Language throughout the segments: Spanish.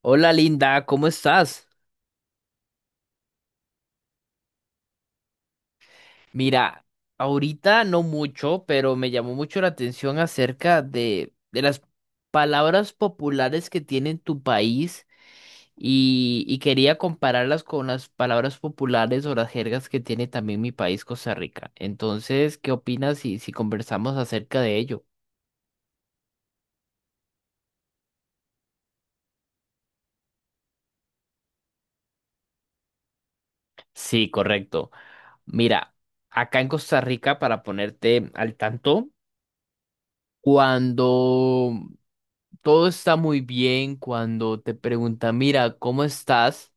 Hola Linda, ¿cómo estás? Mira, ahorita no mucho, pero me llamó mucho la atención acerca de las palabras populares que tiene en tu país y quería compararlas con las palabras populares o las jergas que tiene también mi país, Costa Rica. Entonces, ¿qué opinas si conversamos acerca de ello? Sí, correcto. Mira, acá en Costa Rica, para ponerte al tanto, cuando todo está muy bien cuando te preguntan, mira, ¿cómo estás?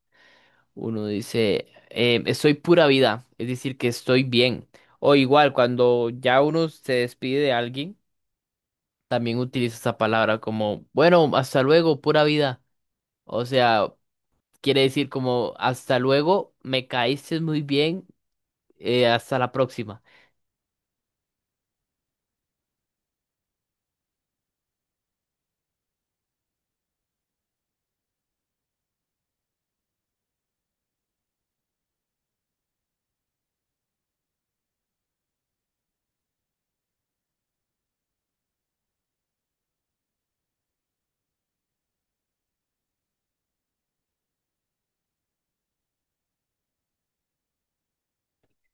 Uno dice, estoy pura vida", es decir, que estoy bien. O igual, cuando ya uno se despide de alguien, también utiliza esa palabra como, bueno, hasta luego, pura vida. O sea, quiere decir como, hasta luego, me caíste muy bien, hasta la próxima.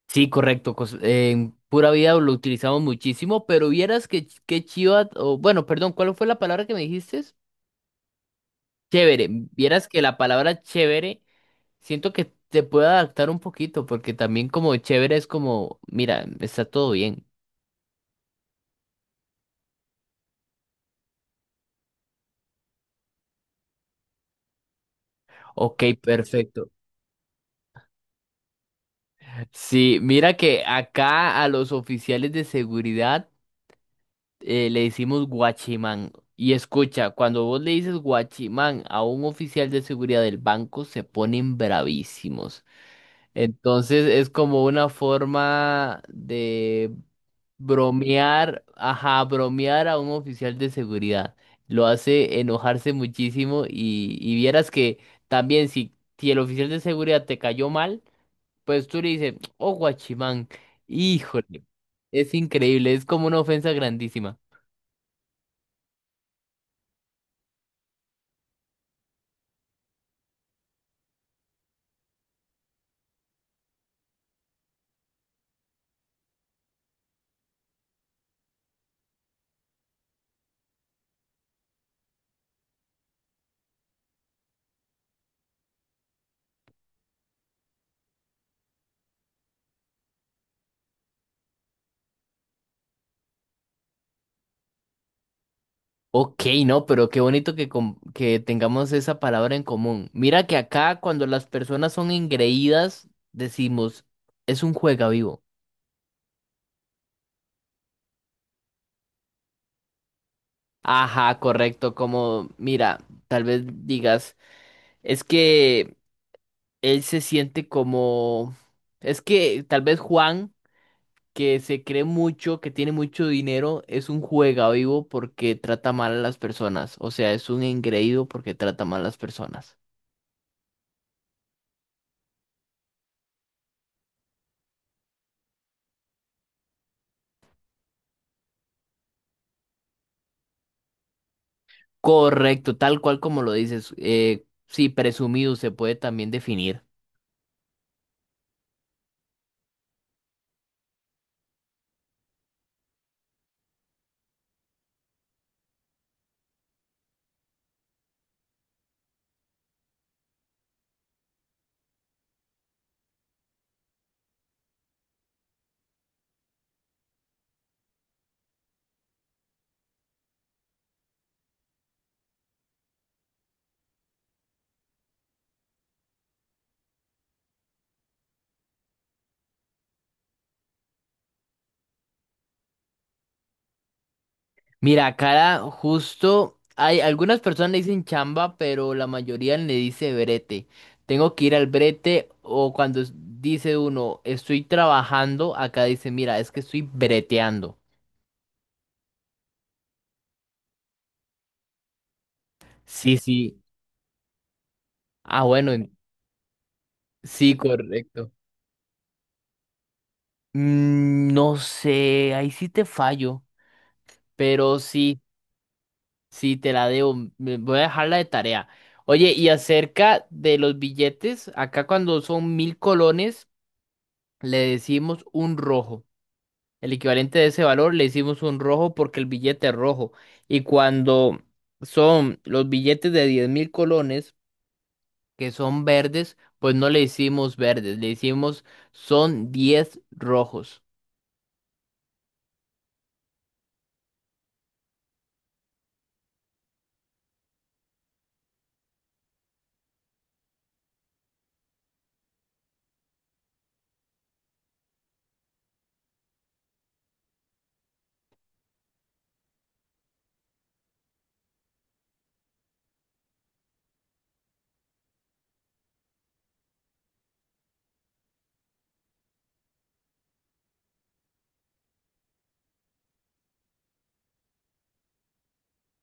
Sí, correcto. Pura vida lo utilizamos muchísimo, pero vieras que, qué chiva, o bueno, perdón, ¿cuál fue la palabra que me dijiste? Chévere, vieras que la palabra chévere siento que te puede adaptar un poquito, porque también como chévere es como, mira, está todo bien. Ok, perfecto. Sí, mira que acá a los oficiales de seguridad le decimos guachimán. Y escucha, cuando vos le dices guachimán a un oficial de seguridad del banco, se ponen bravísimos. Entonces es como una forma de bromear, ajá, bromear a un oficial de seguridad. Lo hace enojarse muchísimo y vieras que también si el oficial de seguridad te cayó mal, pues tú le dices, oh, guachimán, híjole, es increíble, es como una ofensa grandísima. Ok, no, pero qué bonito que, que tengamos esa palabra en común. Mira que acá cuando las personas son engreídas, decimos, es un juega vivo. Ajá, correcto, como, mira, tal vez digas, es que él se siente como, es que tal vez Juan, que se cree mucho, que tiene mucho dinero, es un juega vivo porque trata mal a las personas. O sea, es un engreído porque trata mal a las personas. Correcto, tal cual como lo dices. Sí, presumido se puede también definir. Mira, cara, justo hay algunas personas le dicen chamba, pero la mayoría le dice brete. Tengo que ir al brete o cuando dice uno, estoy trabajando, acá dice, mira, es que estoy breteando. Sí, sí. Ah, bueno, sí, correcto. Mm, no sé, ahí sí te fallo, pero sí. Sí, te la debo. Voy a dejarla de tarea. Oye, y acerca de los billetes, acá cuando son 1.000 colones, le decimos un rojo. El equivalente de ese valor le decimos un rojo porque el billete es rojo. Y cuando son los billetes de 10.000 colones, que son verdes, pues no le decimos verdes, le decimos son 10 rojos.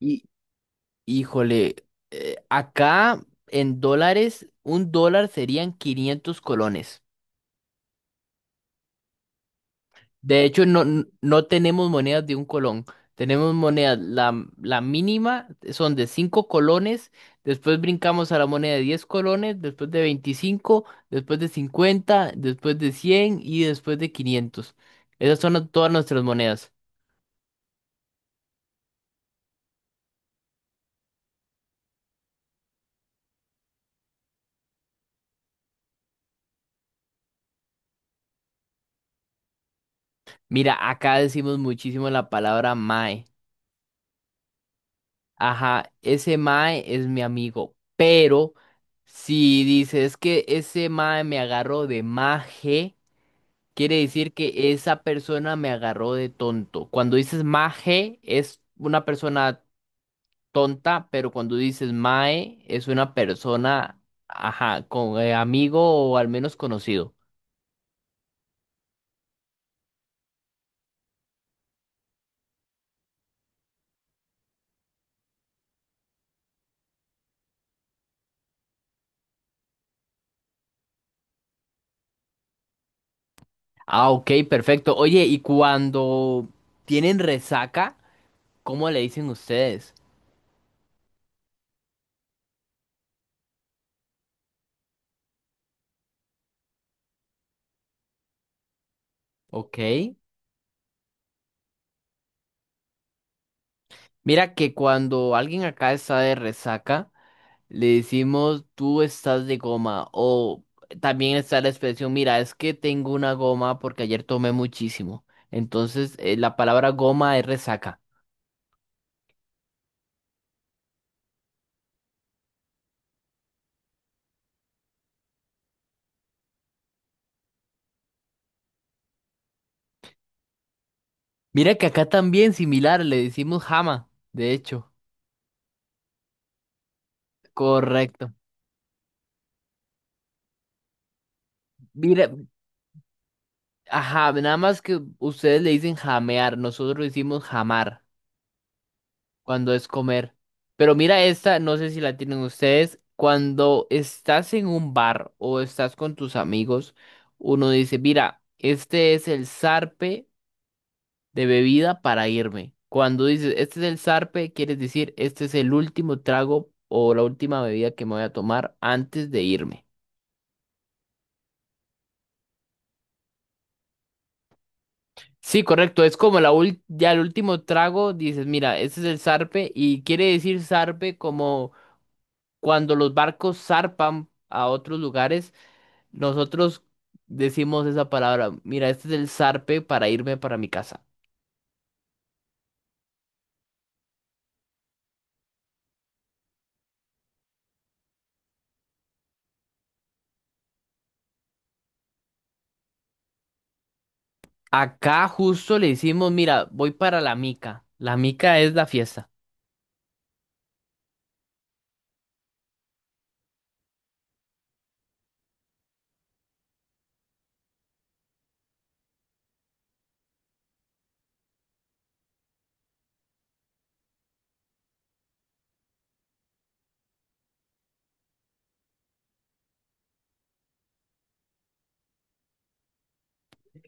Y, híjole, acá en dólares, un dólar serían 500 colones. De hecho, no, no tenemos monedas de un colón. Tenemos monedas, la mínima son de 5 colones, después brincamos a la moneda de 10 colones, después de 25, después de 50, después de 100 y después de 500. Esas son todas nuestras monedas. Mira, acá decimos muchísimo la palabra mae. Ajá, ese mae es mi amigo, pero si dices que ese mae me agarró de maje. Quiere decir que esa persona me agarró de tonto. Cuando dices maje es una persona tonta, pero cuando dices mae es una persona, ajá, con amigo o al menos conocido. Ah, ok, perfecto. Oye, y cuando tienen resaca, ¿cómo le dicen ustedes? Ok. Mira que cuando alguien acá está de resaca, le decimos, tú estás de goma. O también está la expresión, mira, es que tengo una goma porque ayer tomé muchísimo. Entonces, la palabra goma es resaca. Mira que acá también similar, le decimos jama, de hecho. Correcto. Mira, ajá, nada más que ustedes le dicen jamear, nosotros le decimos jamar, cuando es comer. Pero mira esta, no sé si la tienen ustedes. Cuando estás en un bar o estás con tus amigos, uno dice, mira, este es el zarpe de bebida para irme. Cuando dices, este es el zarpe, quieres decir, este es el último trago o la última bebida que me voy a tomar antes de irme. Sí, correcto, es como la ya el último trago, dices, mira, este es el zarpe y quiere decir zarpe como cuando los barcos zarpan a otros lugares. Nosotros decimos esa palabra, mira, este es el zarpe para irme para mi casa. Acá justo le decimos, mira, voy para la mica. La mica es la fiesta.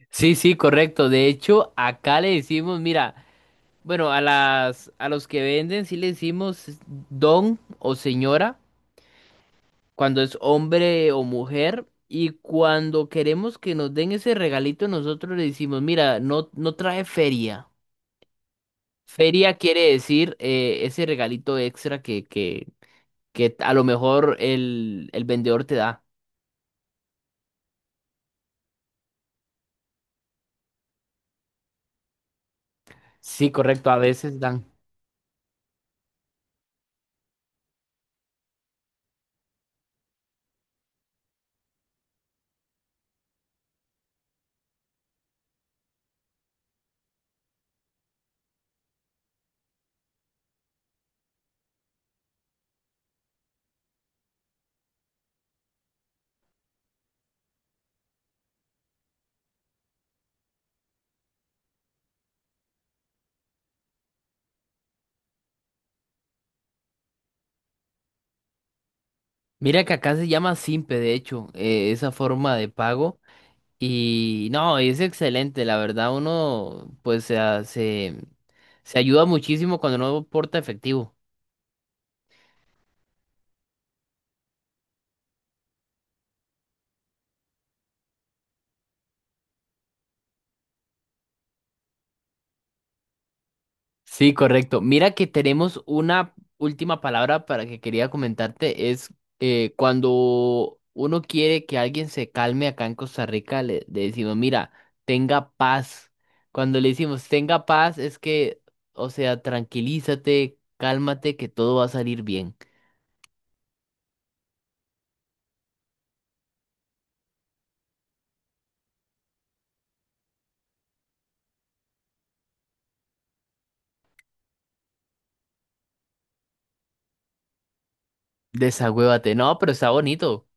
Sí, sí, correcto. De hecho, acá le decimos, mira, bueno, a a los que venden sí le decimos don o señora, cuando es hombre o mujer. Y cuando queremos que nos den ese regalito, nosotros le decimos, mira, no, no trae feria. Feria quiere decir ese regalito extra que a lo mejor el vendedor te da. Sí, correcto, a veces dan. Mira que acá se llama Simpe, de hecho, esa forma de pago. Y no, es excelente, la verdad, uno pues se, se ayuda muchísimo cuando no porta efectivo. Sí, correcto. Mira que tenemos una última palabra para que quería comentarte. Es cuando uno quiere que alguien se calme acá en Costa Rica, le decimos, mira, tenga paz. Cuando le decimos, tenga paz, es que, o sea, tranquilízate, cálmate, que todo va a salir bien. Desagüévate. No, pero está bonito.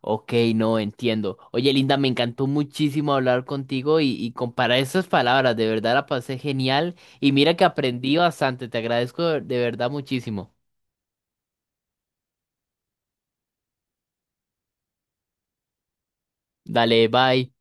Ok, no entiendo. Oye, Linda, me encantó muchísimo hablar contigo y comparar esas palabras. De verdad la pasé genial y mira que aprendí bastante. Te agradezco de verdad muchísimo. Dale, bye.